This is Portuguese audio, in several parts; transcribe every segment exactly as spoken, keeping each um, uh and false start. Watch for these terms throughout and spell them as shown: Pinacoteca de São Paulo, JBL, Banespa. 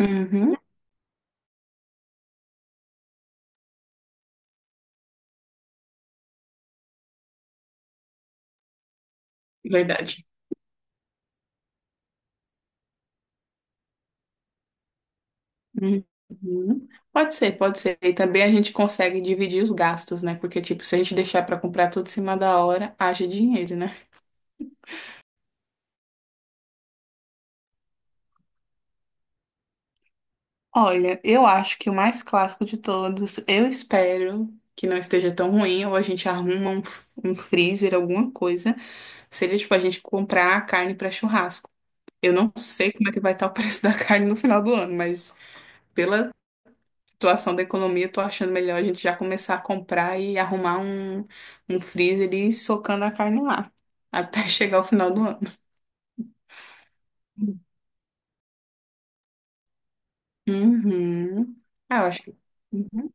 Uhum, verdade. Uhum. Pode ser, pode ser. E também a gente consegue dividir os gastos, né? Porque, tipo, se a gente deixar pra comprar tudo em cima da hora, haja dinheiro, né? Olha, eu acho que o mais clássico de todos, eu espero que não esteja tão ruim, ou a gente arruma um, f- um freezer, alguma coisa, seria, tipo, a gente comprar a carne para churrasco. Eu não sei como é que vai estar o preço da carne no final do ano, mas pela situação da economia, eu tô achando melhor a gente já começar a comprar e arrumar um, um freezer e ir socando a carne lá, até chegar ao final do ano. Uhum. Ah, eu acho que. Uhum.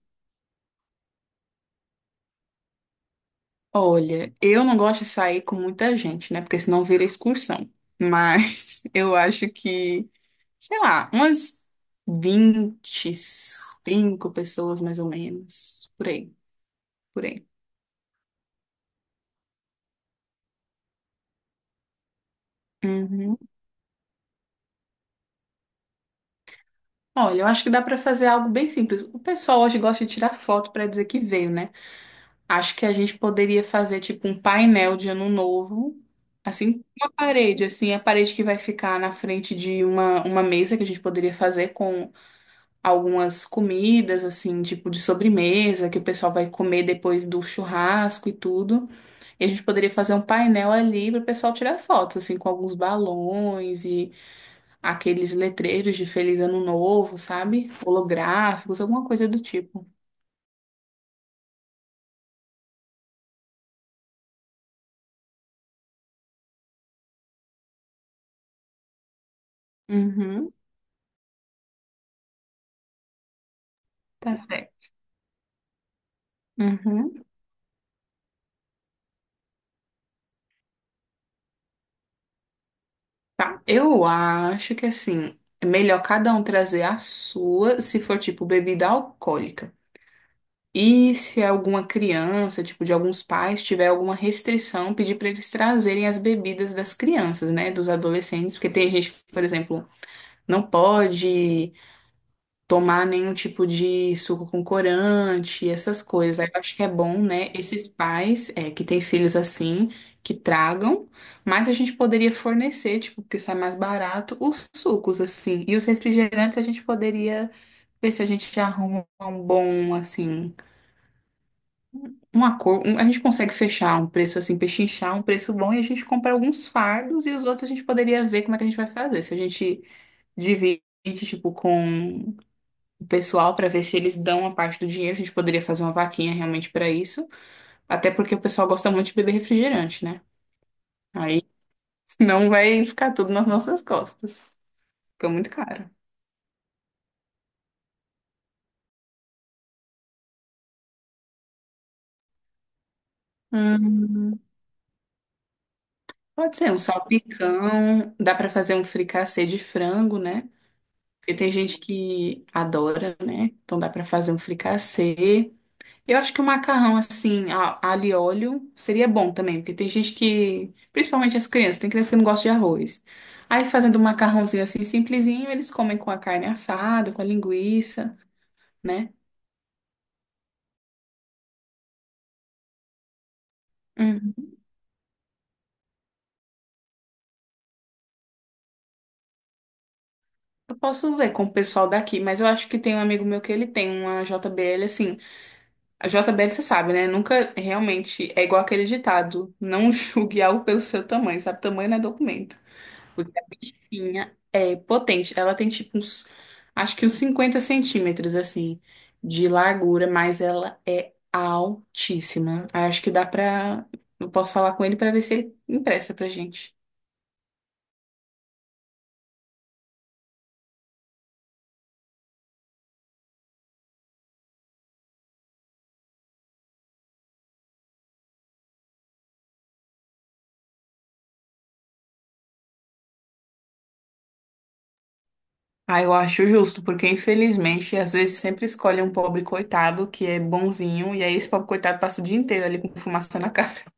Olha, eu não gosto de sair com muita gente, né? Porque senão vira excursão. Mas eu acho que, sei lá, umas vinte, e cinco pessoas mais ou menos. Por aí, por aí. Uhum. Olha, eu acho que dá para fazer algo bem simples. O pessoal hoje gosta de tirar foto para dizer que veio, né? Acho que a gente poderia fazer tipo um painel de ano novo, assim, uma parede, assim, a parede que vai ficar na frente de uma, uma mesa que a gente poderia fazer com algumas comidas, assim, tipo de sobremesa, que o pessoal vai comer depois do churrasco e tudo. E a gente poderia fazer um painel ali para o pessoal tirar fotos, assim, com alguns balões aqueles letreiros de Feliz Ano Novo, sabe? Holográficos, alguma coisa do tipo. Uhum, tá certo. Uhum. Tá. Eu acho que, assim, é melhor cada um trazer a sua, se for tipo bebida alcoólica. E se é alguma criança, tipo de alguns pais, tiver alguma restrição, pedir para eles trazerem as bebidas das crianças, né, dos adolescentes, porque tem gente que, por exemplo, não pode tomar nenhum tipo de suco com corante, essas coisas. Aí eu acho que é bom, né, esses pais é, que têm filhos assim, que tragam, mas a gente poderia fornecer, tipo, porque sai mais barato, os sucos, assim. E os refrigerantes a gente poderia ver se a gente arruma um bom, assim, um acordo. um- A gente consegue fechar um preço, assim, pechinchar um preço bom e a gente compra alguns fardos e os outros a gente poderia ver como é que a gente vai fazer. Se a gente divide, tipo, com o pessoal para ver se eles dão uma parte do dinheiro. A gente poderia fazer uma vaquinha realmente para isso, até porque o pessoal gosta muito de beber refrigerante, né? Aí não vai ficar tudo nas nossas costas. Fica muito caro. Hum, pode ser um salpicão, dá para fazer um fricassê de frango, né? Porque tem gente que adora, né? Então dá para fazer um fricassê. Eu acho que o macarrão, assim, a- alho e óleo, seria bom também, porque tem gente que, principalmente as crianças, tem criança que não gosta de arroz. Aí fazendo um macarrãozinho assim, simplesinho, eles comem com a carne assada, com a linguiça, né? Hum. Eu posso ver com o pessoal daqui, mas eu acho que tem um amigo meu que ele tem uma J B L, assim. A J B L, você sabe, né? Nunca realmente é igual aquele ditado, não julgue algo pelo seu tamanho, sabe? Tamanho não é documento. Porque a bichinha é potente. Ela tem tipo uns, acho que uns cinquenta centímetros, assim, de largura, mas ela é altíssima. Aí acho que dá pra. Eu posso falar com ele pra ver se ele empresta pra gente. Ah, eu acho justo, porque infelizmente às vezes sempre escolhe um pobre coitado que é bonzinho, e aí esse pobre coitado passa o dia inteiro ali com fumaça na cara.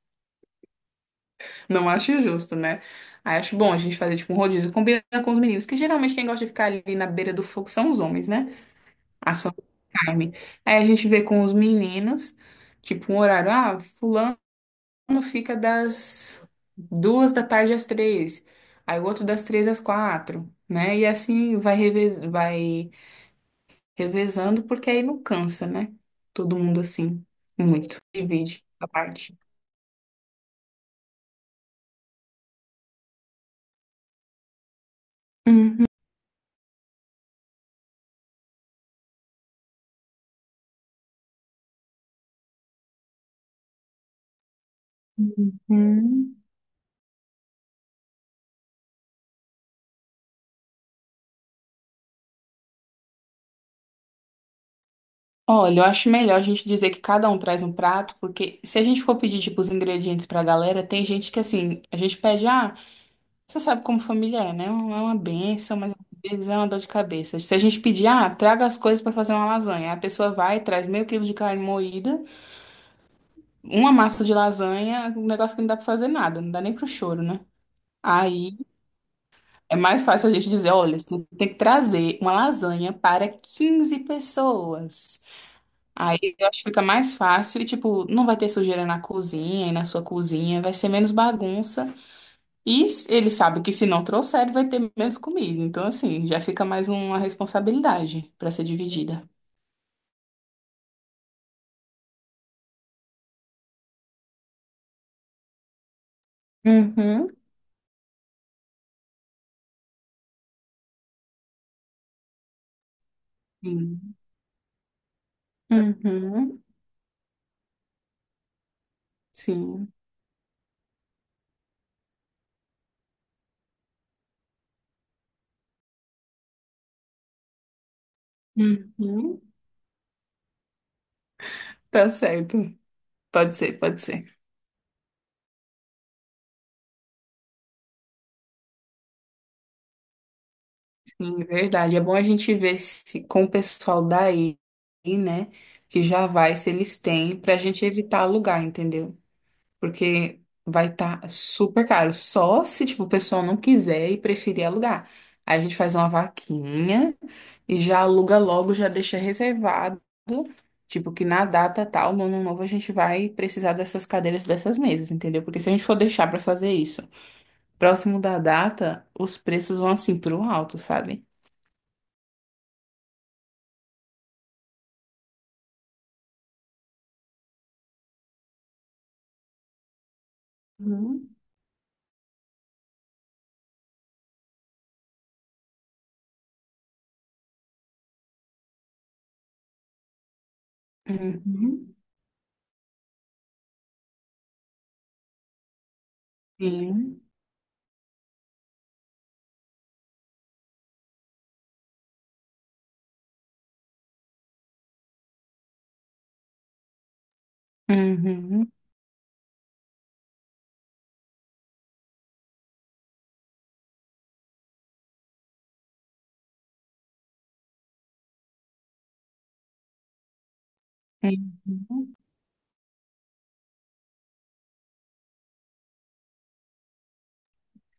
Não acho justo, né? Aí acho bom a gente fazer tipo um rodízio, combina com os meninos, que geralmente quem gosta de ficar ali na beira do fogo são os homens, né? Ação do Carmen. Aí a gente vê com os meninos, tipo, um horário, ah, fulano fica das duas da tarde às três, aí o outro das três às quatro, né? E assim vai, revez vai revezando, porque aí não cansa, né? Todo mundo assim, muito. Divide a parte. Uhum. Olha, eu acho melhor a gente dizer que cada um traz um prato, porque se a gente for pedir, tipo, os ingredientes pra galera, tem gente que, assim, a gente pede, ah, você sabe como família é, né? É uma bênção, mas às vezes é uma dor de cabeça. Se a gente pedir, ah, traga as coisas para fazer uma lasanha, a pessoa vai, traz meio quilo de carne moída, uma massa de lasanha, um negócio que não dá para fazer nada, não dá nem pro choro, né? Aí é mais fácil a gente dizer, olha, você tem que trazer uma lasanha para quinze pessoas. Aí eu acho que fica mais fácil e, tipo, não vai ter sujeira na cozinha e na sua cozinha, vai ser menos bagunça. E s- ele sabe que se não trouxer, ele vai ter menos comida. Então, assim, já fica mais uma responsabilidade para ser dividida. Uhum. Sim. Uhum. Sim. Uhum. Tá certo. Pode ser, pode ser. Sim, verdade. É bom a gente ver se com o pessoal daí, né, que já vai, se eles têm, pra gente evitar alugar, entendeu? Porque vai estar super caro. Só se, tipo, o pessoal não quiser e preferir alugar. Aí a gente faz uma vaquinha e já aluga logo, já deixa reservado. Tipo, que na data tal, no ano novo, a gente vai precisar dessas cadeiras, dessas mesas, entendeu? Porque se a gente for deixar pra fazer isso próximo da data, os preços vão assim pro alto, sabe? Uhum. Uhum. Uhum. Sim. Uhum.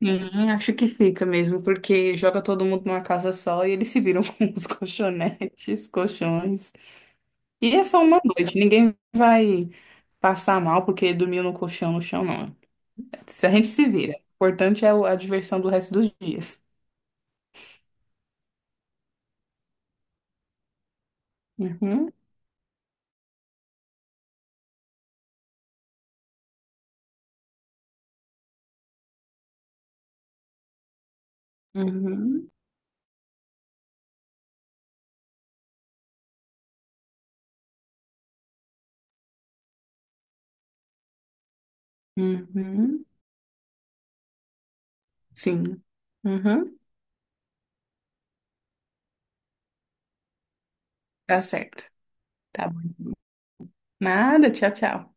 Sim, acho que fica mesmo, porque joga todo mundo numa casa só e eles se viram com os colchonetes, colchões. E é só uma noite, ninguém vai passar mal porque dormiu no colchão, no chão, não. Se a gente se vira. O importante é o- a diversão do resto dos dias. Uhum, uhum, uhum. Sim. Uhum, tá certo. Tá bom. Nada, tchau, tchau.